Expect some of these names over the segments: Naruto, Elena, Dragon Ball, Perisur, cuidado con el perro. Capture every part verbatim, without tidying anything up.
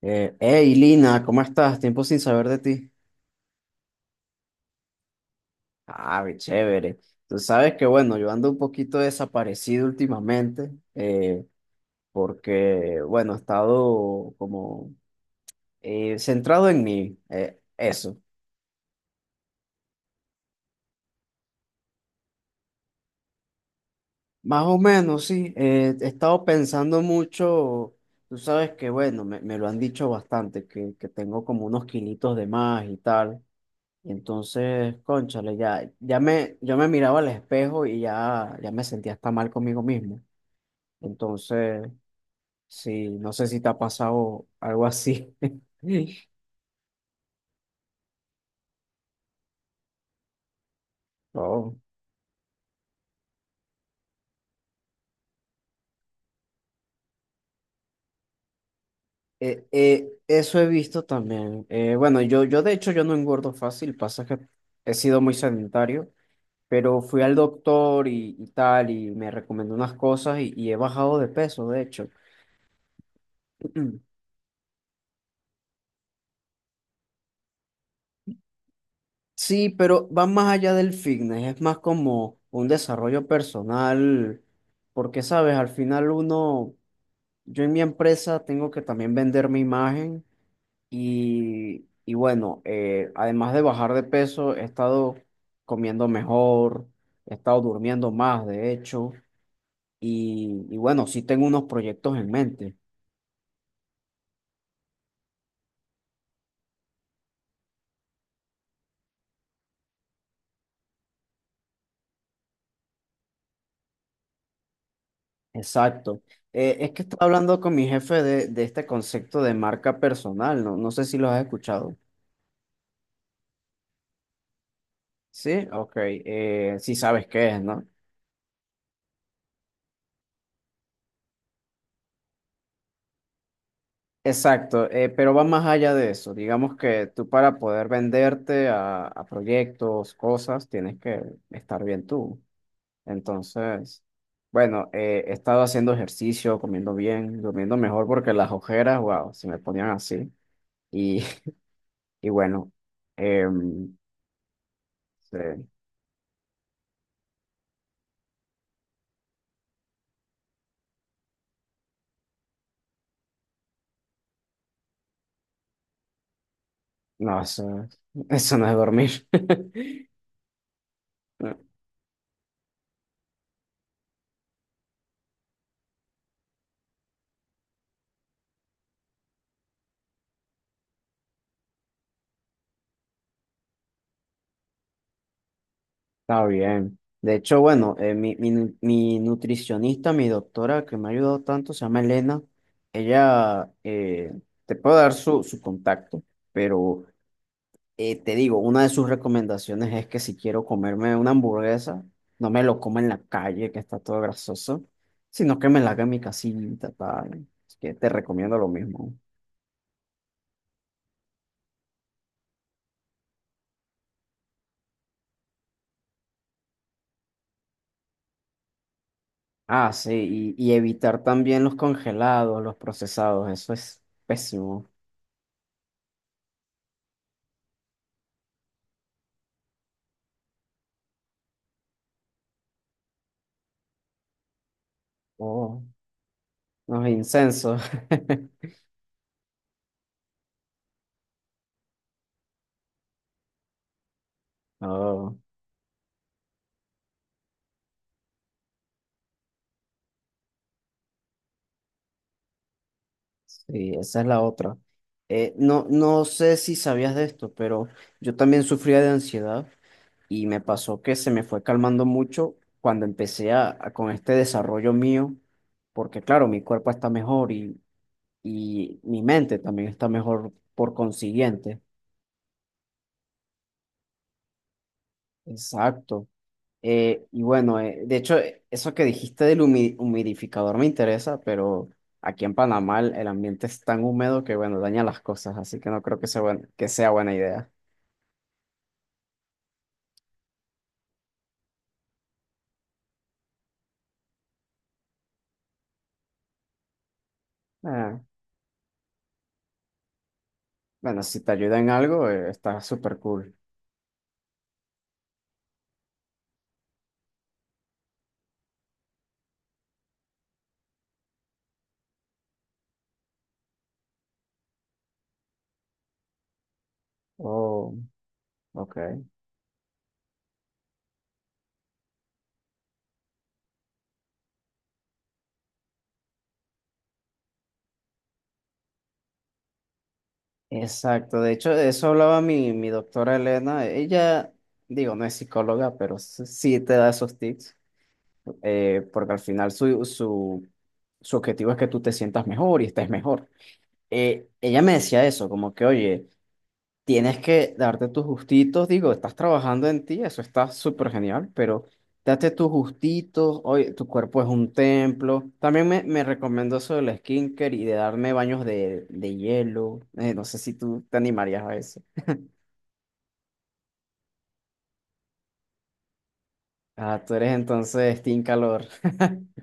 Eh, hey, Lina, ¿cómo estás? Tiempo sin saber de ti. Ah, qué chévere. Tú sabes que, bueno, yo ando un poquito desaparecido últimamente, eh, porque, bueno, he estado como eh, centrado en mí, eh, eso. Más o menos, sí. eh, he estado pensando mucho, tú sabes que, bueno, me, me lo han dicho bastante, que, que tengo como unos kilitos de más y tal. Y entonces, cónchale, ya, ya me, yo me miraba al espejo y ya, ya me sentía hasta mal conmigo mismo. Entonces, sí, no sé si te ha pasado algo así. No. Eh, eh, eso he visto también. Eh, bueno, yo, yo de hecho yo no engordo fácil, pasa que he sido muy sedentario, pero fui al doctor y, y tal, y me recomendó unas cosas y, y he bajado de peso, de hecho. Sí, pero va más allá del fitness, es más como un desarrollo personal, porque sabes, al final uno, yo en mi empresa tengo que también vender mi imagen y, y bueno, eh, además de bajar de peso, he estado comiendo mejor, he estado durmiendo más, de hecho, y, y bueno, sí tengo unos proyectos en mente, exacto. Eh, es que estaba hablando con mi jefe de, de este concepto de marca personal, no, no sé si lo has escuchado. Sí, ok, eh, sí sabes qué es, ¿no? Exacto, eh, pero va más allá de eso. Digamos que tú para poder venderte a, a proyectos, cosas, tienes que estar bien tú. Entonces, bueno, eh, he estado haciendo ejercicio, comiendo bien, durmiendo mejor porque las ojeras, wow, se me ponían así. Y, y bueno, em, sí, no, eso, eso no es dormir. Está bien. De hecho, bueno, eh, mi, mi, nu- mi nutricionista, mi doctora que me ha ayudado tanto, se llama Elena. Ella eh, te puede dar su, su contacto, pero eh, te digo, una de sus recomendaciones es que si quiero comerme una hamburguesa, no me lo coma en la calle, que está todo grasoso, sino que me la haga en mi casita, tal. Así que te recomiendo lo mismo. Ah, sí, y, y evitar también los congelados, los procesados, eso es pésimo. Oh. Los incensos. Oh, sí, esa es la otra. Eh, no, no sé si sabías de esto, pero yo también sufría de ansiedad y me pasó que se me fue calmando mucho cuando empecé a, a- con este desarrollo mío, porque claro, mi cuerpo está mejor y, y mi mente también está mejor por consiguiente. Exacto. Eh, y bueno, eh, de hecho, eh, eso que dijiste del humi- humidificador me interesa, pero aquí en Panamá el, el ambiente es tan húmedo que, bueno, daña las cosas, así que no creo que sea, buen- que sea buena idea. Ah, bueno, si te ayuda en algo, eh, está súper cool. Oh, ok. Exacto, de hecho, de eso hablaba mi, mi doctora Elena. Ella, digo, no es psicóloga, pero s- sí te da esos tips, eh, porque al final su, su, su objetivo es que tú te sientas mejor y estés mejor. eh, ella me decía eso, como que, oye, tienes que darte tus gustitos, digo, estás trabajando en ti, eso está súper genial, pero date tus gustitos, oye, tu cuerpo es un templo. También me, me recomendó eso del skincare y de darme baños de, de hielo. Eh, no sé si tú te animarías a eso. Ah, tú eres entonces team calor.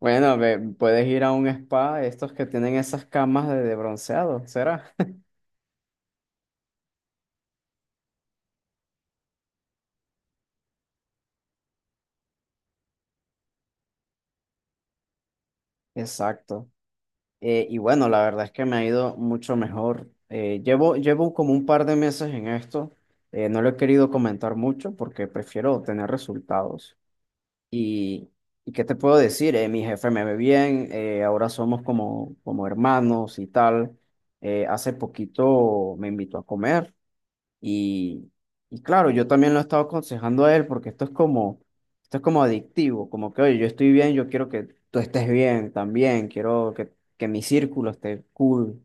Bueno, ve, puedes ir a un spa, estos que tienen esas camas de de bronceado, ¿será? Exacto. Eh, y bueno, la verdad es que me ha ido mucho mejor. Eh, llevo, llevo como un par de meses en esto. Eh, no lo he querido comentar mucho porque prefiero tener resultados. Y, y ¿qué te puedo decir? Eh, mi jefe me ve bien, eh, ahora somos como, como hermanos y tal. Eh, hace poquito me invitó a comer. Y, y claro, yo también lo he estado aconsejando a él porque esto es como, esto es como adictivo, como que, oye, yo estoy bien, yo quiero que tú estés bien también, quiero que, que mi círculo esté cool.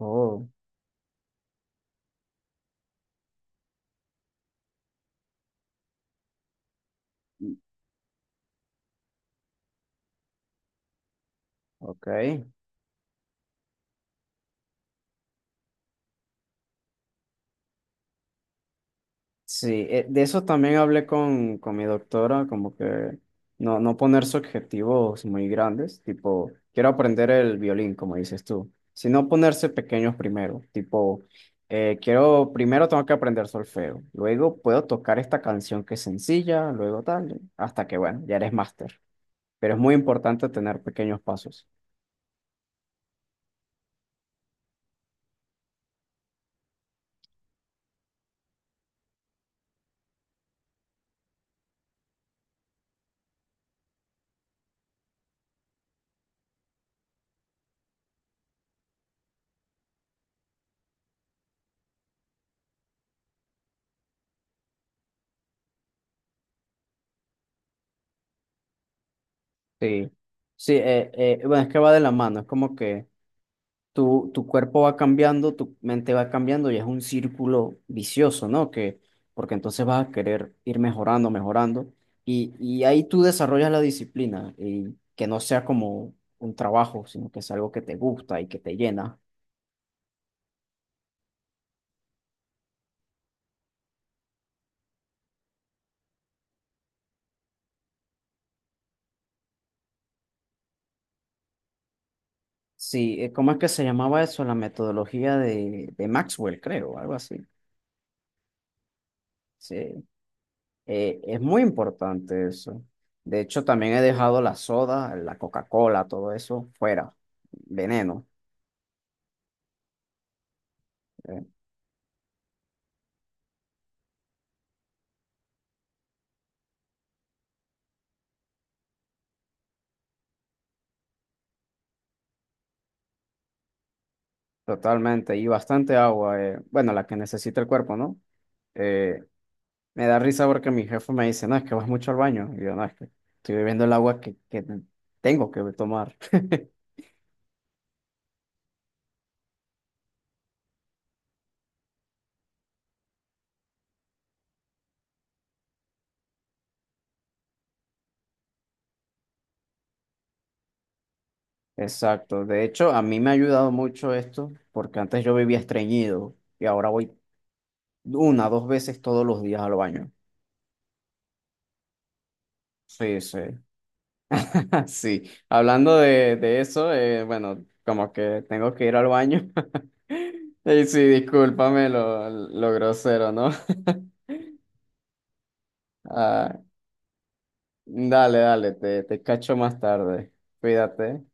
Oh, ok. Sí, eh, de eso también hablé con, con mi doctora, como que no, no ponerse objetivos muy grandes, tipo, quiero aprender el violín, como dices tú, sino ponerse pequeños primero, tipo, eh, quiero, primero tengo que aprender solfeo, luego puedo tocar esta canción que es sencilla, luego tal, hasta que, bueno, ya eres máster, pero es muy importante tener pequeños pasos. Sí, sí, eh, eh, bueno, es que va de la mano, es como que tu, tu cuerpo va cambiando, tu mente va cambiando y es un círculo vicioso, ¿no? Que, porque entonces vas a querer ir mejorando, mejorando y, y ahí tú desarrollas la disciplina y que no sea como un trabajo, sino que es algo que te gusta y que te llena. Sí, eh, ¿cómo es que se llamaba eso? La metodología de, de Maxwell, creo, algo así. Sí, eh, es muy importante eso. De hecho, también he dejado la soda, la Coca-Cola, todo eso fuera, veneno. eh, Totalmente, y bastante agua, eh, bueno, la que necesita el cuerpo, ¿no? Eh, Me da risa porque mi jefe me dice, no, es que vas mucho al baño, y yo, no, es que estoy bebiendo el agua que, que tengo que tomar. Exacto, de hecho, a mí me ha ayudado mucho esto, porque antes yo vivía estreñido, y ahora voy una, dos veces todos los días al baño. Sí, sí. Sí, hablando de, de eso, eh, bueno, como que tengo que ir al baño. Y sí, discúlpame lo, lo grosero, ¿no? Ah, dale, dale, te, te cacho más tarde. Cuídate.